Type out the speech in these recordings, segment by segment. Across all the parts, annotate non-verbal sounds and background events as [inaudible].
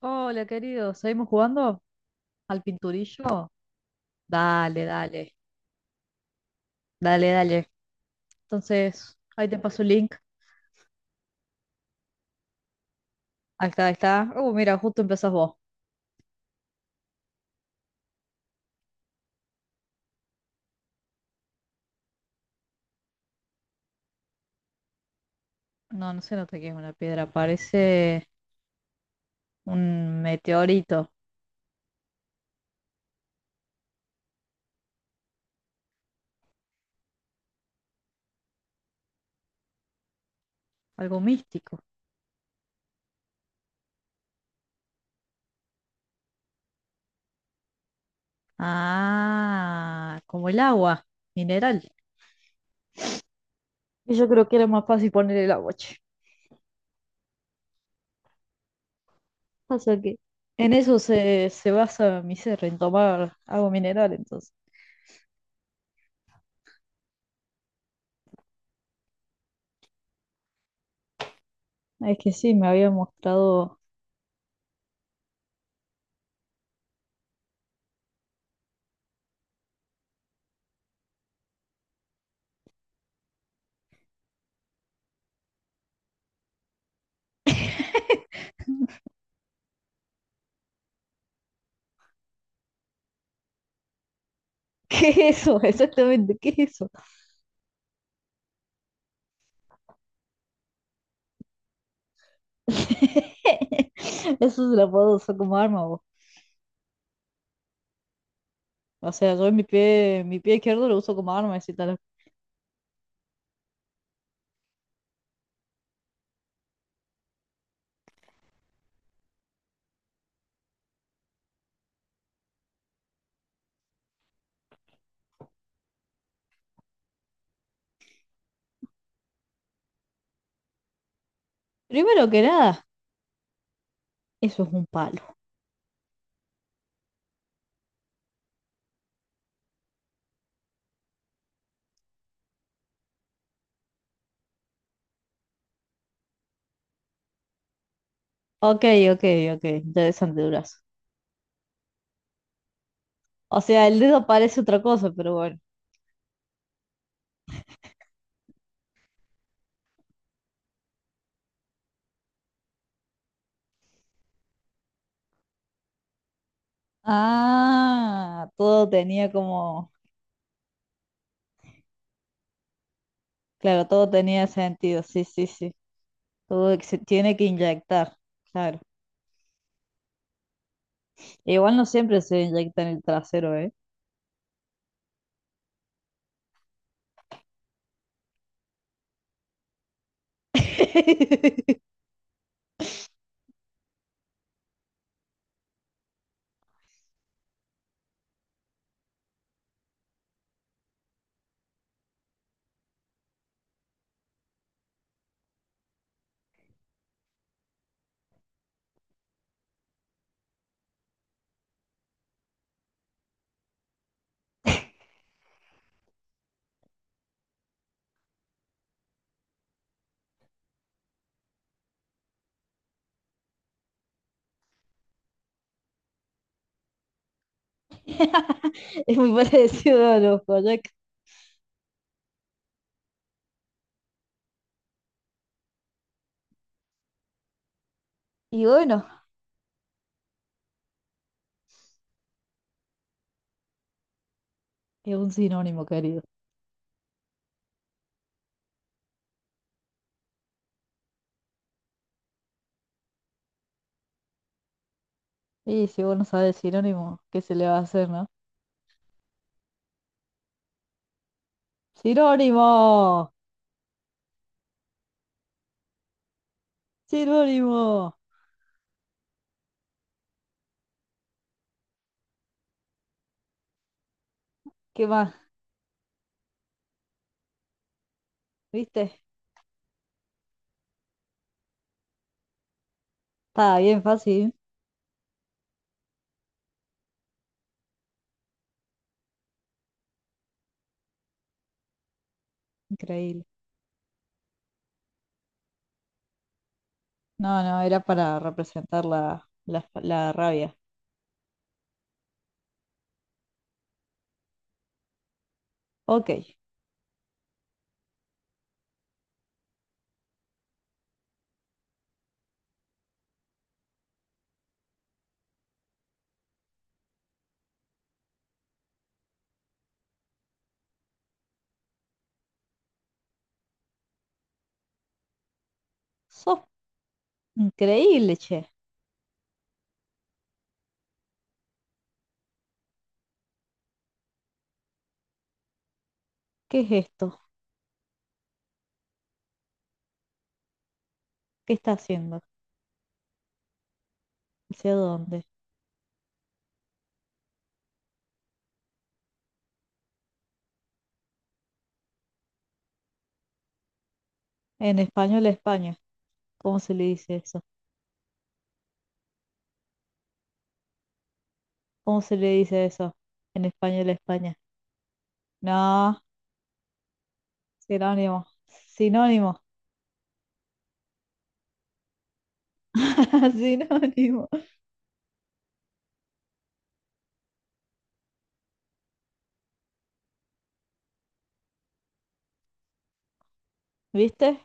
Hola, querido, ¿seguimos jugando al pinturillo? Dale, dale, dale, dale. Entonces, ahí te paso el link. Ahí está, ahí está. Mira, justo empezás vos. No, no se nota que es una piedra, parece un meteorito, algo místico. Ah, como el agua, mineral. Y yo creo que era más fácil poner el agua, che. Pasa que en eso se basa mi ser, en tomar agua mineral, entonces. Es que sí, me había mostrado. ¿Qué es eso? [laughs] Exactamente, ¿qué es eso? [laughs] Eso se la puedo usar como arma, vos. O sea, yo en mi pie izquierdo lo uso como arma, así tal. Primero que nada, eso es un palo. Ok, ok, ok, interesante, durazo. O sea, el dedo parece otra cosa, pero bueno. Ah, todo tenía como, claro, todo tenía sentido, sí, sí, sí. Todo que se tiene que inyectar, claro. Igual no siempre se inyecta en el trasero, ¿eh? [laughs] [laughs] Es muy parecido a los Boyac. Y bueno, es un sinónimo, querido. Y si vos no sabes sinónimo, ¿qué se le va a hacer, no? ¡Sinónimo! ¡Sinónimo! ¿Qué más? ¿Viste? Estaba bien fácil. Increíble. No, no, era para representar la rabia. Ok. Sos increíble, che. ¿Qué es esto? ¿Qué está haciendo? ¿Hacia dónde? En español, España. ¿Cómo se le dice eso? ¿Cómo se le dice eso? En español, España. No, sinónimo, sinónimo, [laughs] sinónimo. ¿Viste? [laughs]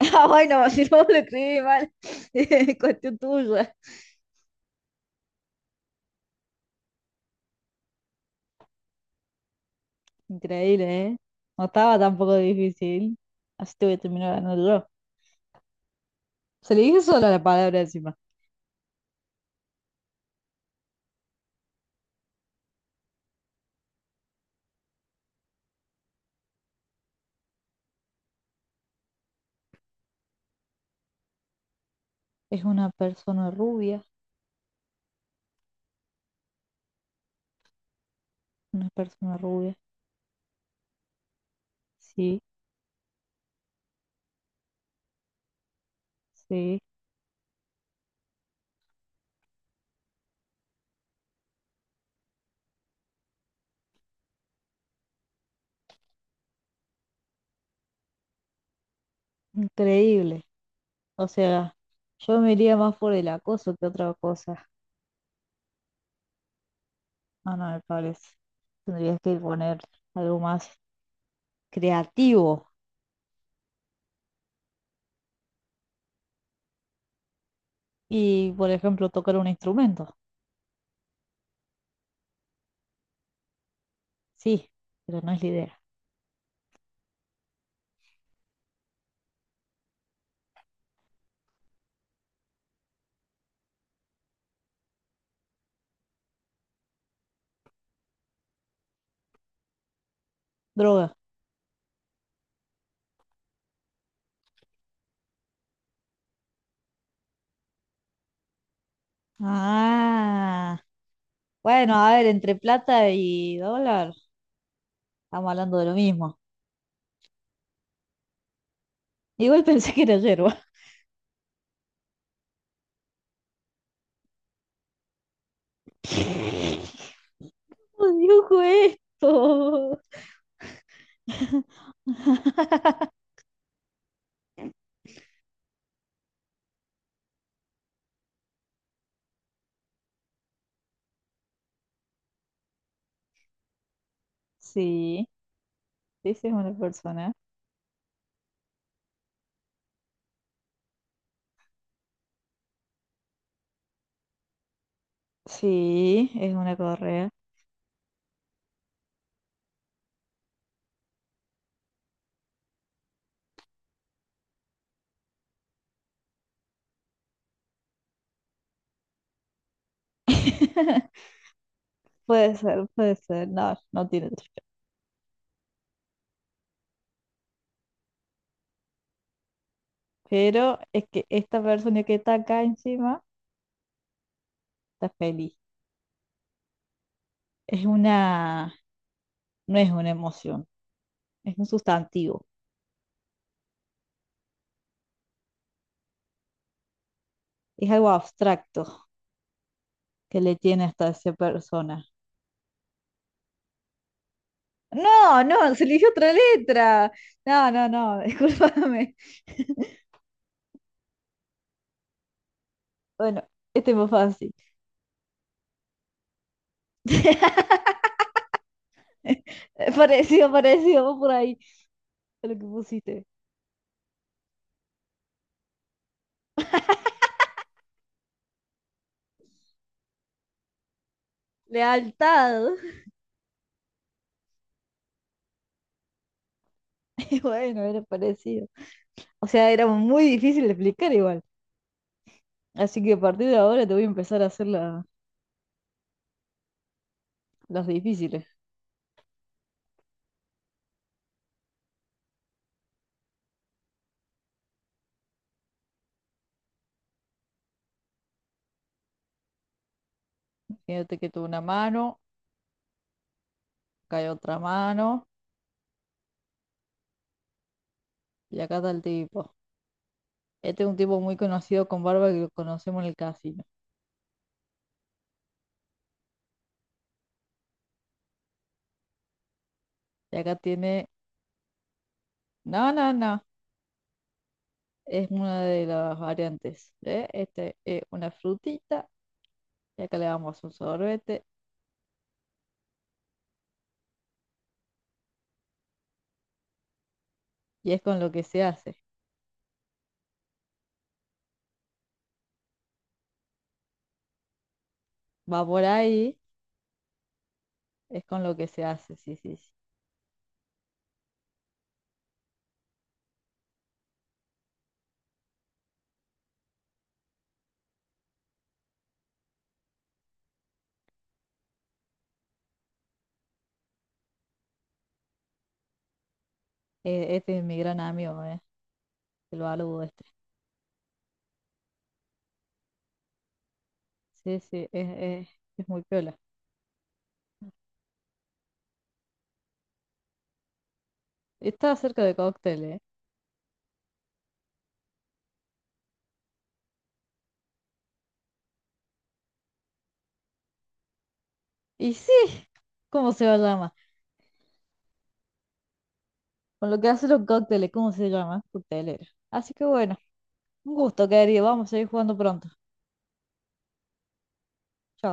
Ah, bueno, si no lo escribí mal, [laughs] es cuestión tuya. Increíble, ¿eh? No estaba tampoco difícil. Así te voy a terminar ganando yo. Se le dije solo la palabra encima. Es una persona rubia, una persona rubia. Sí, sí. Increíble. O sea, yo me iría más por el acoso que otra cosa. Ah, no, me parece. Tendrías que poner algo más creativo. Y, por ejemplo, tocar un instrumento. Sí, pero no es la idea. Droga. Ah, bueno, a ver, entre plata y dólar, estamos hablando de lo mismo. Igual [laughs] pensé que era yerba. [laughs] ¿Cómo dibujo esto? Sí, sí, sí es una persona. Sí, es una correa. [laughs] Puede ser, puede ser. No, no tiene trucha. Pero es que esta persona que está acá encima está feliz. Es una, no es una emoción. Es un sustantivo, es algo abstracto que le tiene hasta esa persona. No, no, se eligió otra letra. No, no, no, [laughs] discúlpame. Bueno, este es más fácil. [laughs] Parecido, parecido, vos por ahí, a lo que pusiste. Lealtad. [laughs] Y bueno, era parecido. O sea, era muy difícil de explicar igual. Así que a partir de ahora te voy a empezar a hacer la- las difíciles. Fíjate que tuve una mano, cae otra mano, y acá está el tipo. Este es un tipo muy conocido con barba que lo conocemos en el casino. Y acá tiene, no, no, no, es una de las variantes. ¿Eh? Este es una frutita y acá le damos un sorbete y es con lo que se hace. Va por ahí, es con lo que se hace, sí, sí, sí. Este es mi gran amigo, ¿eh? El baludo este. Sí, sí, es, es muy piola. Está cerca de cócteles, ¿eh? Y sí, ¿cómo se llama? Con lo que hace los cócteles, ¿cómo se llama? Coctelero. Así que bueno. Un gusto, querido. Vamos a seguir jugando pronto. Chao.